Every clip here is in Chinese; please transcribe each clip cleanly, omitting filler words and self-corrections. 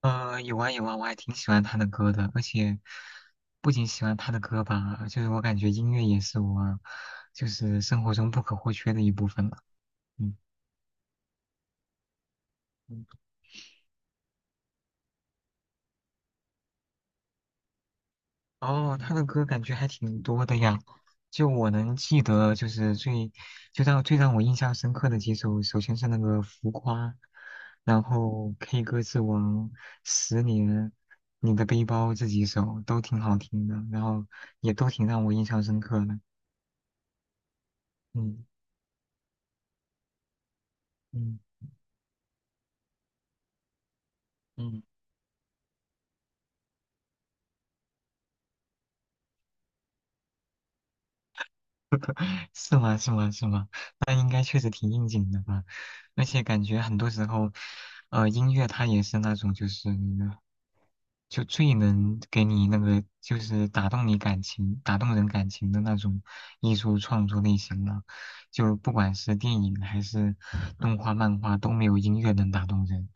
有啊有啊，我还挺喜欢他的歌的，而且不仅喜欢他的歌吧，就是我感觉音乐也是我就是生活中不可或缺的一部分了。嗯，嗯哦，他的歌感觉还挺多的呀，就我能记得就是最让我印象深刻的几首，首先是那个《浮夸》，然后《K 歌之王》《十年》。你的背包这几首都挺好听的，然后也都挺让我印象深刻的。嗯嗯。嗯。是吗？是吗？是吗？那应该确实挺应景的吧？而且感觉很多时候，音乐它也是那种就是那个，就最能给你那个就是打动你感情、打动人感情的那种艺术创作类型了。就不管是电影还是动画、漫画，都没有音乐能打动人。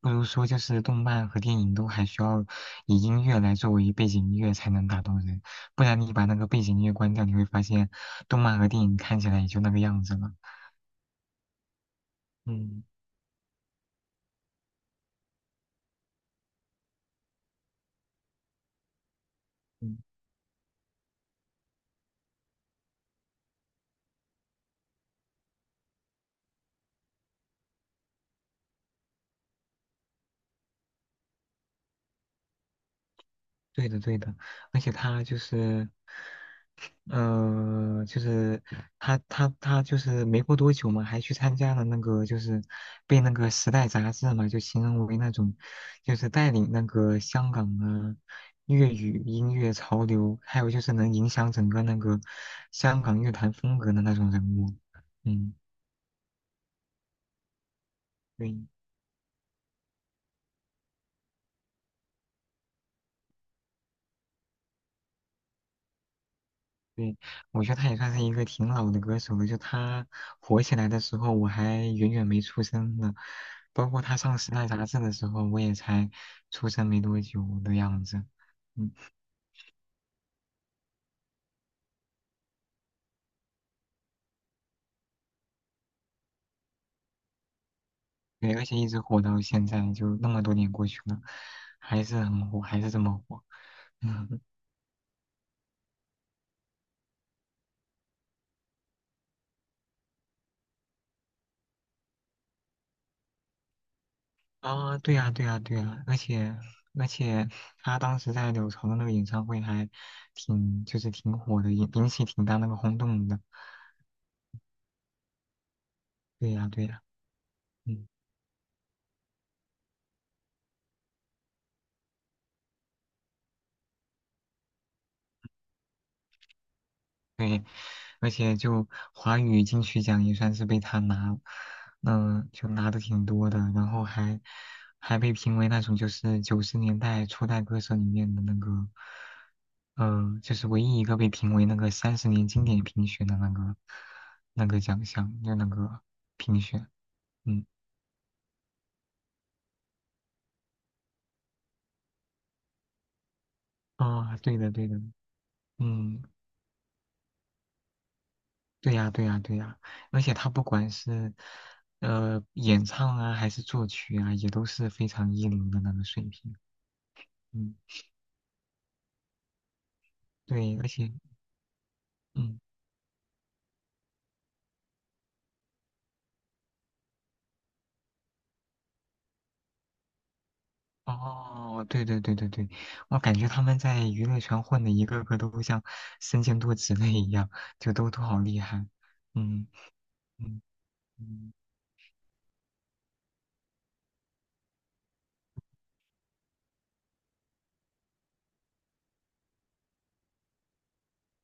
不如说，就是动漫和电影都还需要以音乐来作为背景音乐才能打动人，不然你把那个背景音乐关掉，你会发现动漫和电影看起来也就那个样子了。嗯嗯，对的对的，而且他就是，就是他就是没过多久嘛，还去参加了那个就是被那个《时代》杂志嘛，就形容为那种就是带领那个香港的粤语音乐潮流，还有就是能影响整个那个香港乐坛风格的那种人物。嗯，对。对，我觉得他也算是一个挺老的歌手了。就他火起来的时候，我还远远没出生呢。包括他上时代杂志的时候，我也才出生没多久的样子。嗯，对，而且一直火到现在，就那么多年过去了，还是很火，还是这么火。嗯。啊，对呀，对呀，对呀。而且，他当时在柳潮的那个演唱会还挺，就是挺火的，引起挺大那个轰动的。对呀，对呀。嗯。对，而且就华语金曲奖也算是被他拿，就拿的挺多的，然后还被评为那种就是90年代初代歌手里面的那个，就是唯一一个被评为那个30年经典评选的那个奖项，就那个评选，嗯，哦，对的对的，嗯，对呀，对呀，对呀，而且他不管是演唱啊，还是作曲啊，也都是非常一流的那个水平。嗯，对，而且嗯，哦，对对对对对，我感觉他们在娱乐圈混的一个个都像身兼多职类一样，就都好厉害。嗯嗯嗯，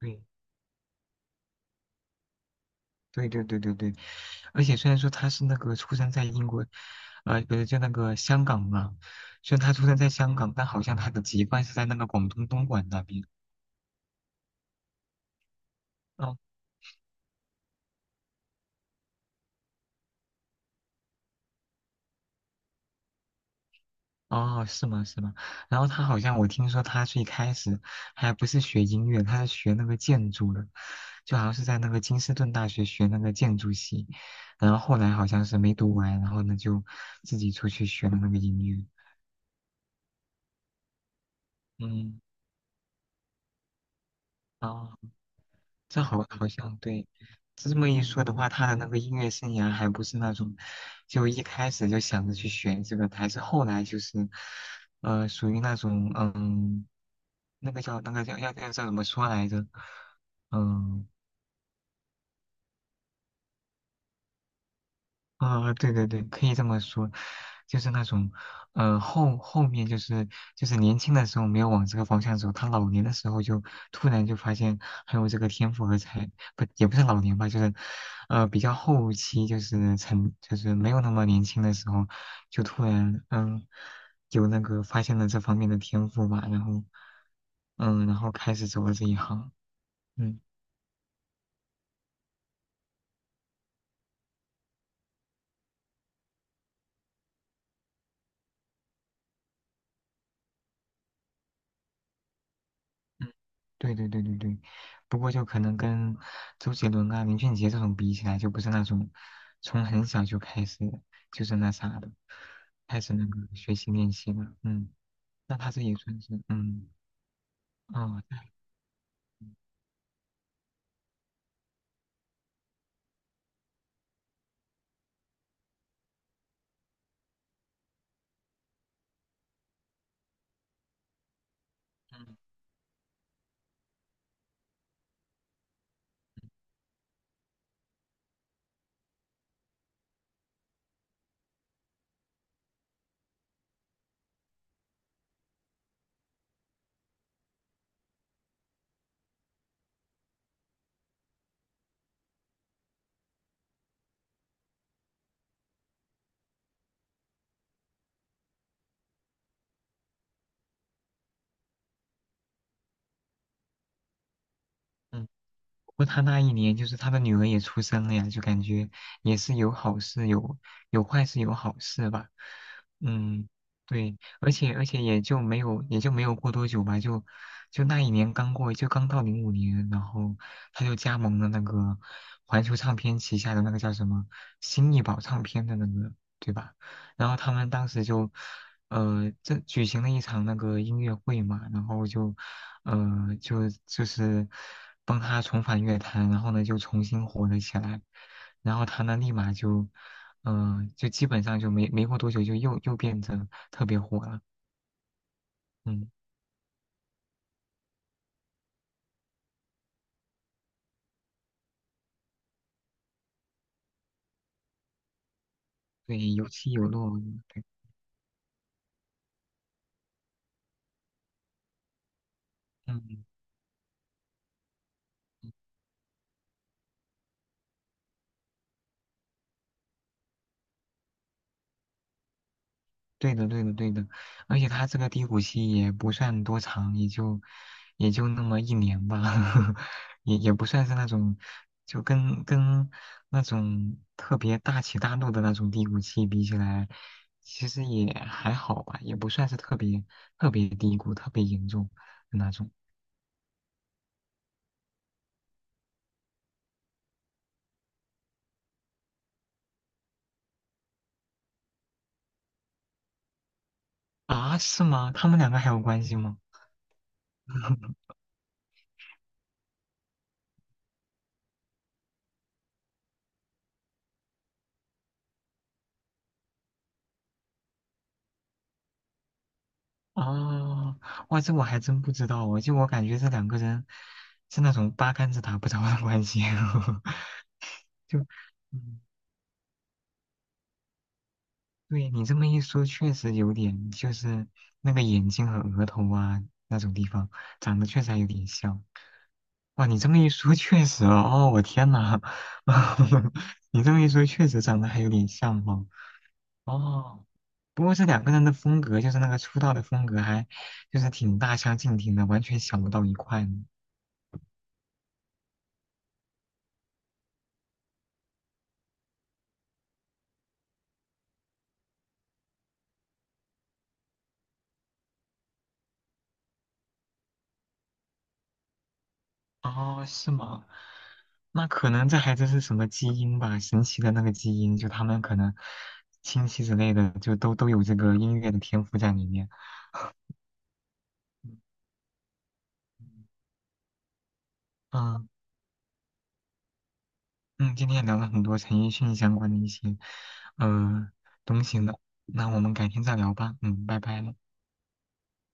对。对对对对对，而且虽然说他是那个出生在英国，不是就那个香港嘛，虽然他出生在香港，但好像他的籍贯是在那个广东东莞那边。哦哦，是吗是吗？然后他好像我听说他最开始还不是学音乐，他是学那个建筑的，就好像是在那个金斯顿大学学那个建筑系，然后后来好像是没读完，然后呢就自己出去学了那个音乐。嗯，哦这好像对，这么一说的话，他的那个音乐生涯还不是那种，就一开始就想着去学这个的还是后来就是，属于那种，那个叫那个叫要要叫怎么说来着？嗯。啊、对对对，可以这么说，就是那种，后面就是年轻的时候没有往这个方向走，他老年的时候就突然就发现还有这个天赋和才，不也不是老年吧，就是，比较后期就是没有那么年轻的时候，就突然有那个发现了这方面的天赋吧，然后开始走了这一行，嗯。对对对对对，不过就可能跟周杰伦啊、林俊杰这种比起来，就不是那种从很小就开始就是那啥的，开始那个学习练习了。嗯，那他这也算是哦，对嗯嗯。过他那一年就是他的女儿也出生了呀，就感觉也是有好事有坏事有好事吧。嗯，对，而且也就没有过多久吧，就那一年刚过，就刚到05年，然后他就加盟了那个环球唱片旗下的那个叫什么新艺宝唱片的那个，对吧？然后他们当时就举行了一场那个音乐会嘛，然后就嗯，呃就就是帮他重返乐坛，然后呢就重新火了起来，然后他呢立马就，就基本上就没过多久就又变得特别火了，嗯，对，有起有落，对，嗯。对的，对的，对的，而且他这个低谷期也不算多长，也就那么一年吧，也不算是那种就跟那种特别大起大落的那种低谷期比起来，其实也还好吧，也不算是特别特别低谷、特别严重的那种啊？是吗？他们两个还有关系吗？哦，哇，这我还真不知道哦，就我感觉这两个人是那种八竿子打不着的关系，就，嗯，对你这么一说，确实有点，就是那个眼睛和额头啊那种地方长得确实还有点像。哇，你这么一说，确实哦，哦，我天呐，你这么一说，确实长得还有点像哦。哦，不过这两个人的风格，就是那个出道的风格还，就是挺大相径庭的，完全想不到一块呢。哦，是吗？那可能这还真是什么基因吧，神奇的那个基因，就他们可能亲戚之类的，就都有这个音乐的天赋在里面。嗯嗯，嗯今天也聊了很多陈奕迅相关的一些呃东西呢，那我们改天再聊吧。嗯，拜拜了。